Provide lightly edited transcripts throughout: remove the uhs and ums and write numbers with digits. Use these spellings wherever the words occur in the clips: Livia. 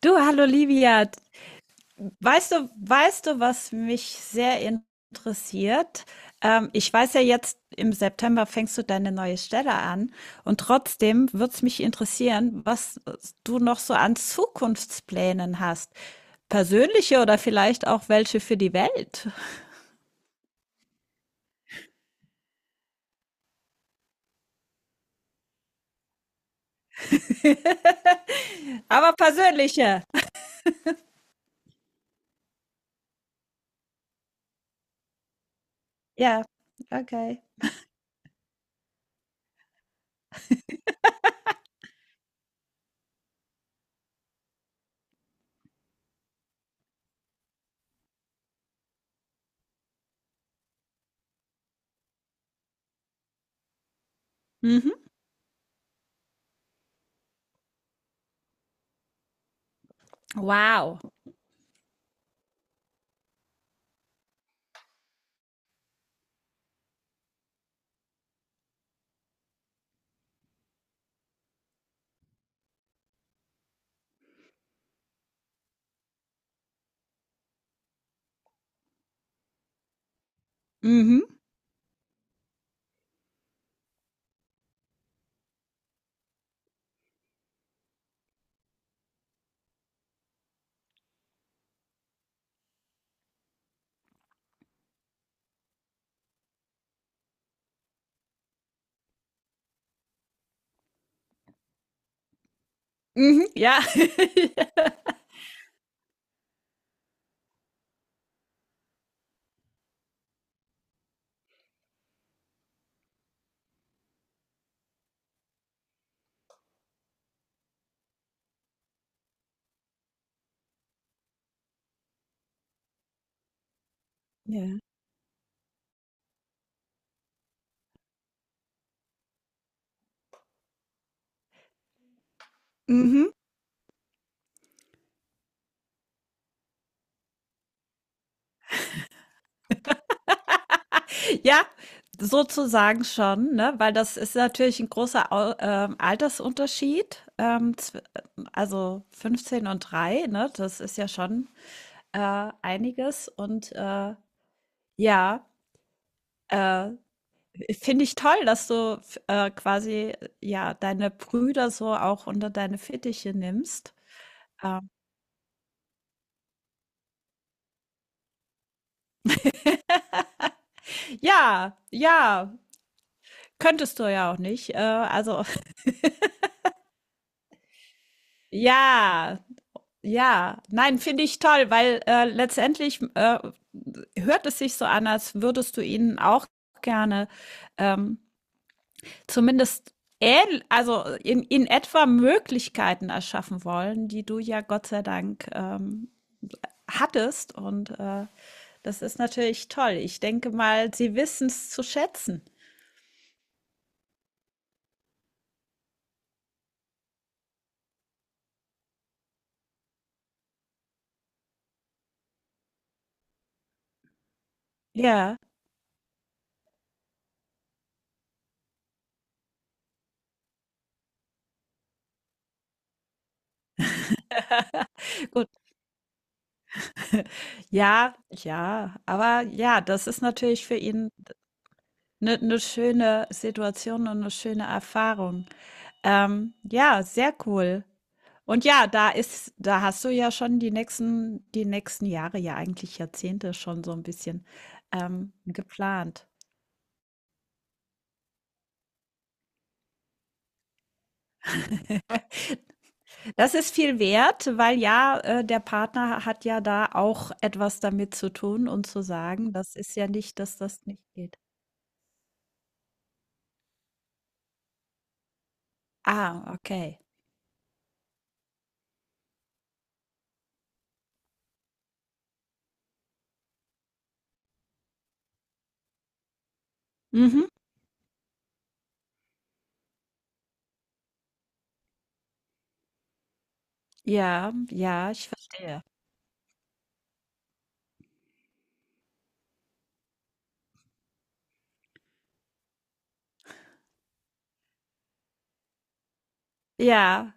Du, hallo Livia. Weißt du, was mich sehr interessiert? Ich weiß ja jetzt, im September fängst du deine neue Stelle an und trotzdem würde es mich interessieren, was du noch so an Zukunftsplänen hast. Persönliche oder vielleicht auch welche für die Welt. Aber persönliche. Ja, okay. Mhm. Wow. Mhm. Mhm. Ja. Ja. Mhm. Ja, sozusagen schon, ne? Weil das ist natürlich ein großer Au Altersunterschied. Also 15 und 3. Ne? Das ist ja schon äh, einiges. Und ja, äh, finde ich toll, dass du quasi ja deine Brüder so auch unter deine Fittiche nimmst. Ähm, ja, ja, könntest du ja auch nicht. Also ja. Ja, nein, finde ich toll, weil, letztendlich, hört es sich so an, als würdest du ihnen auch gerne, ähm, zumindest ähnl also in etwa Möglichkeiten erschaffen wollen, die du ja Gott sei Dank, hattest und, das ist natürlich toll. Ich denke mal, sie wissen es zu schätzen. Ja, gut. Ja, ja, aber ja, das ist natürlich für ihn eine schöne Situation und eine schöne Erfahrung. Ja, sehr cool. Und ja, da hast du ja schon die nächsten Jahre, ja eigentlich Jahrzehnte schon so ein bisschen, geplant. Das ist viel wert, weil ja, der Partner hat ja da auch etwas damit zu tun und zu sagen, das ist ja nicht, dass das nicht geht. Ah, okay. Mhm. Ja, ja, ich verstehe. Ja.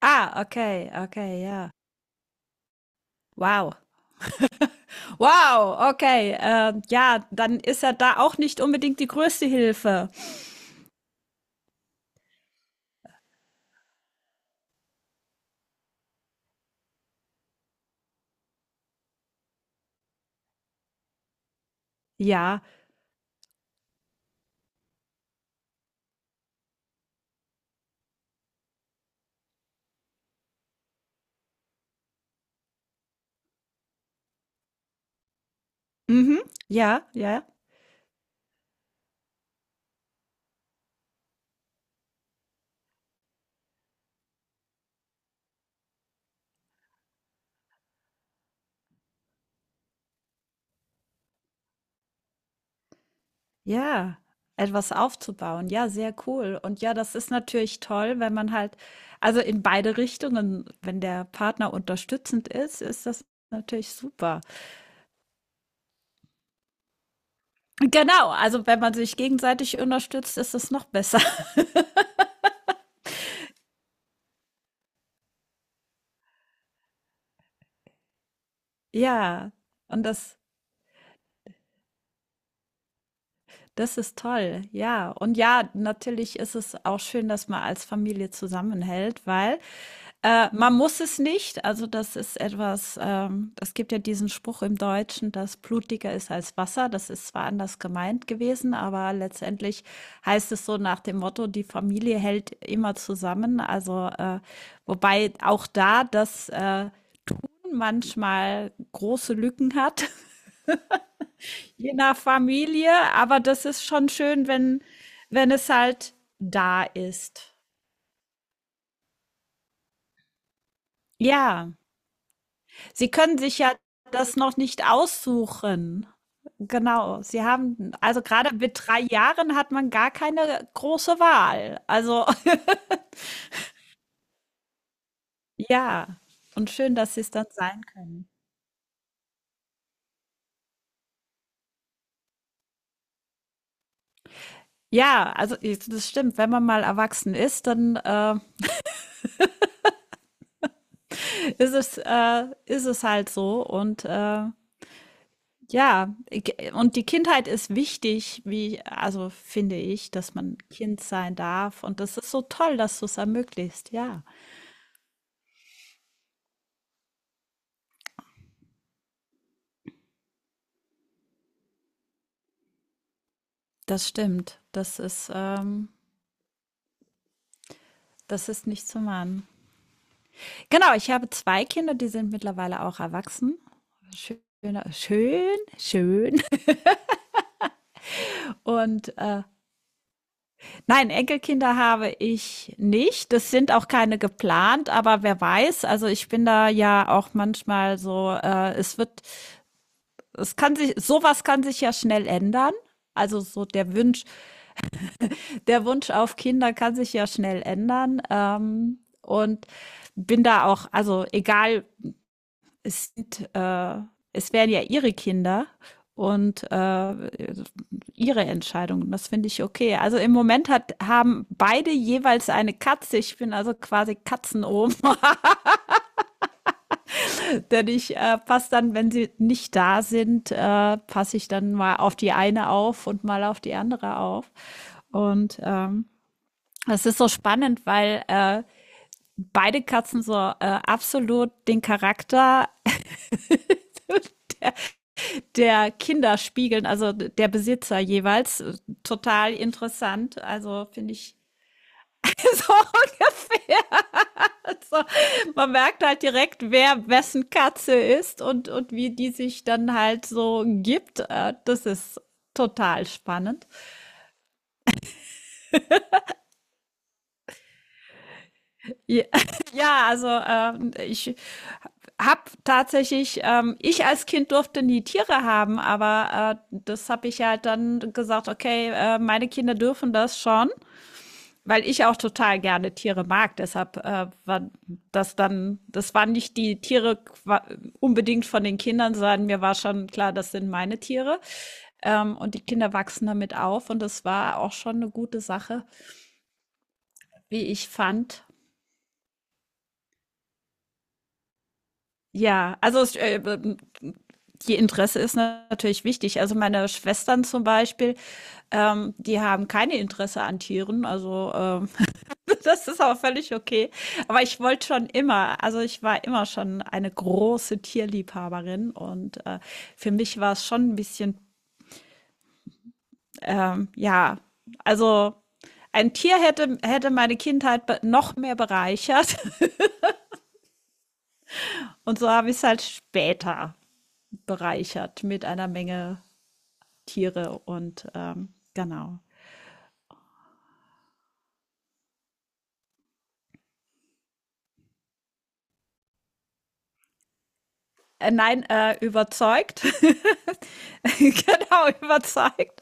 Ah, okay, okay, ja. Wow. Wow, okay. Ja, dann ist er da auch nicht unbedingt die größte Hilfe. Ja, mhm, ja, ja, ja. Etwas aufzubauen. Ja, sehr cool. Und ja, das ist natürlich toll, wenn man halt, also in beide Richtungen, wenn der Partner unterstützend ist, ist das natürlich super. Genau, also wenn man sich gegenseitig unterstützt, ist es noch besser. Ja, und das ist toll, ja. Und ja, natürlich ist es auch schön, dass man als Familie zusammenhält, weil man muss es nicht. Also das ist etwas, es gibt ja diesen Spruch im Deutschen, dass Blut dicker ist als Wasser. Das ist zwar anders gemeint gewesen, aber letztendlich heißt es so nach dem Motto, die Familie hält immer zusammen. Also wobei auch da das Tun manchmal große Lücken hat. Je nach Familie, aber das ist schon schön, wenn es halt da ist. Ja, sie können sich ja das noch nicht aussuchen. Genau, sie haben also gerade mit 3 Jahren hat man gar keine große Wahl. Also, ja, und schön, dass sie es dann sein können. Ja, also i das stimmt, wenn man mal erwachsen ist, dann, ist es halt so und, ja, und die Kindheit ist wichtig, wie, also finde ich, dass man Kind sein darf. Und das ist so toll, dass du es ermöglicht. Ja, das stimmt. Das ist nicht zu machen. Genau, ich habe zwei Kinder, die sind mittlerweile auch erwachsen. Schön, schön, schön. Und nein, Enkelkinder habe ich nicht. Das sind auch keine geplant, aber wer weiß. Also ich bin da ja auch manchmal so, es wird es kann sich, sowas kann sich ja schnell ändern. Also so der Wunsch, auf Kinder kann sich ja schnell ändern. Und bin da auch, also egal, es sind, äh, es wären ja ihre Kinder und ihre Entscheidungen. Das finde ich okay. Also im Moment haben beide jeweils eine Katze. Ich bin also quasi Katzenohm. Denn ich passe dann, wenn sie nicht da sind, passe ich dann mal auf die eine auf und mal auf die andere auf. Und das ist so spannend, weil beide Katzen so absolut den Charakter der Kinder spiegeln, also der Besitzer jeweils. Total interessant. Also finde ich so So, man merkt halt direkt, wer wessen Katze ist und wie die sich dann halt so gibt. Das ist total spannend. Ja, ja, also ich als Kind durfte nie Tiere haben, aber das habe ich halt dann gesagt, okay, meine Kinder dürfen das schon. Weil ich auch total gerne Tiere mag, deshalb das waren nicht die Tiere unbedingt von den Kindern, sondern mir war schon klar, das sind meine Tiere. Und die Kinder wachsen damit auf und das war auch schon eine gute Sache, wie ich fand. Ja, also die Interesse ist natürlich wichtig. Also meine Schwestern zum Beispiel, die haben keine Interesse an Tieren. Also das ist aber völlig okay. Aber ich wollte schon immer, also ich war immer schon eine große Tierliebhaberin und für mich war es schon ein bisschen, ja, also ein Tier hätte meine Kindheit noch mehr bereichert und so habe ich es halt später bereichert mit einer Menge Tiere und genau. Nein, überzeugt. Genau, überzeugt.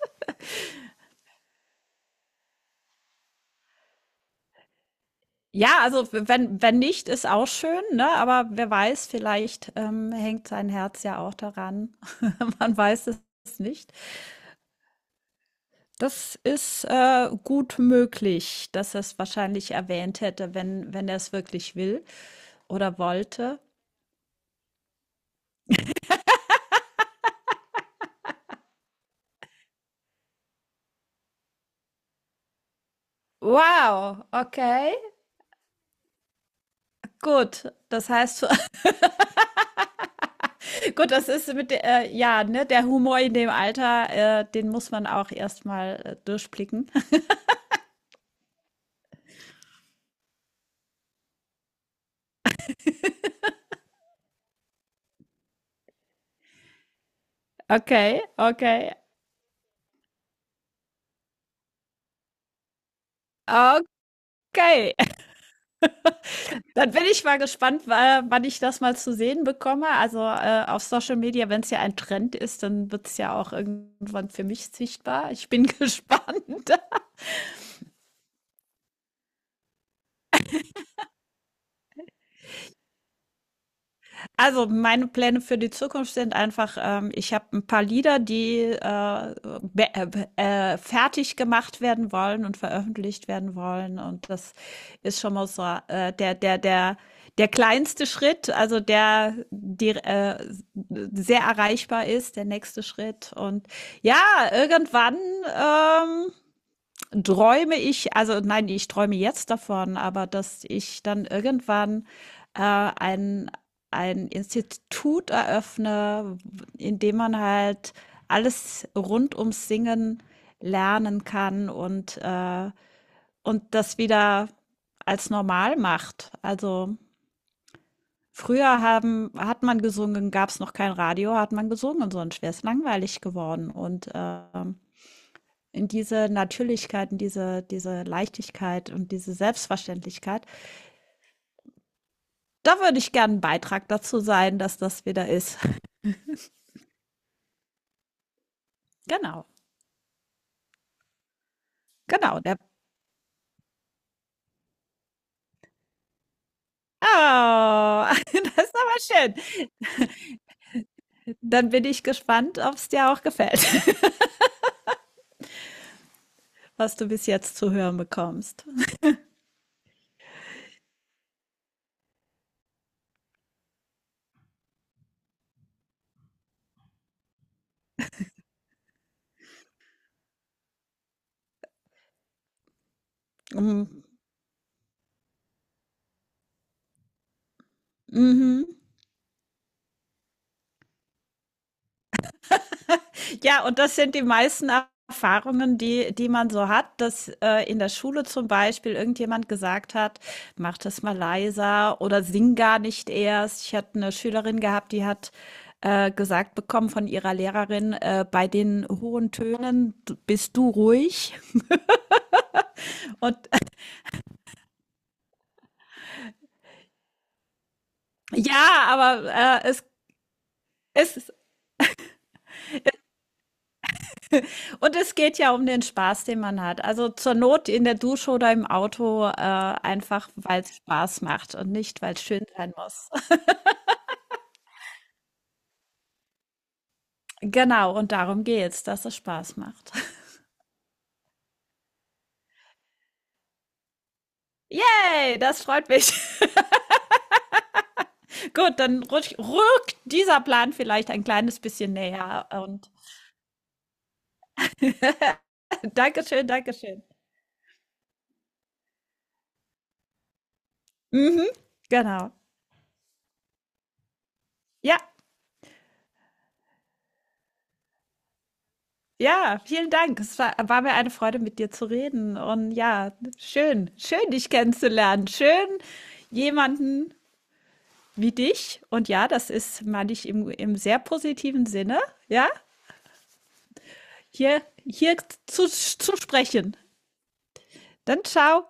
Ja, also wenn nicht, ist auch schön, ne? Aber wer weiß, vielleicht, hängt sein Herz ja auch daran. Man weiß es nicht. Das ist, gut möglich, dass er es wahrscheinlich erwähnt hätte, wenn er es wirklich will oder wollte. Wow, okay, gut. Das heißt gut, das ist mit der ja, ne, der Humor in dem Alter, den muss man auch erst mal, durchblicken. Okay, okay. Okay. Dann bin ich mal gespannt, wann ich das mal zu sehen bekomme. Also auf Social Media, wenn es ja ein Trend ist, dann wird es ja auch irgendwann für mich sichtbar. Ich bin gespannt. Also meine Pläne für die Zukunft sind einfach, ich habe ein paar Lieder, die be- fertig gemacht werden wollen und veröffentlicht werden wollen. Und das ist schon mal so der kleinste Schritt, also sehr erreichbar ist, der nächste Schritt. Und ja, irgendwann ähm, träume ich, also nein, ich träume jetzt davon, aber dass ich dann irgendwann äh, ein, ein Institut eröffne, in dem man halt alles rund ums Singen lernen kann und das wieder als normal macht. Also früher hat man gesungen, gab es noch kein Radio, hat man gesungen, sonst wäre es langweilig geworden. Und in diese Natürlichkeit, in diese Leichtigkeit und diese Selbstverständlichkeit. Da würde ich gerne einen Beitrag dazu sein, dass das wieder ist. Genau, genau. Der Oh, das ist aber schön. Dann bin ich gespannt, ob es dir auch gefällt, was du bis jetzt zu hören bekommst. Mhm. Mhm. Ja, und das sind die meisten Erfahrungen, die man so hat, dass in der Schule zum Beispiel irgendjemand gesagt hat, mach das mal leiser oder sing gar nicht erst. Ich hatte eine Schülerin gehabt, die hat gesagt bekommen von ihrer Lehrerin, bei den hohen Tönen bist du ruhig. Und ja, aber äh, es es, und es geht ja um den Spaß, den man hat. Also zur Not in der Dusche oder im Auto einfach, weil es Spaß macht und nicht, weil es schön sein muss. Genau, und darum geht's, dass es Spaß macht. Yay, das freut mich. Gut, dann rückt dieser Plan vielleicht ein kleines bisschen näher und Dankeschön, Dankeschön. Mhm, genau. Ja, ja, vielen Dank. Es war mir eine Freude, mit dir zu reden. Und ja, schön, schön, dich kennenzulernen. Schön, jemanden wie dich. Und ja, das ist, meine ich, im sehr positiven Sinne, ja, hier zu sprechen. Dann ciao.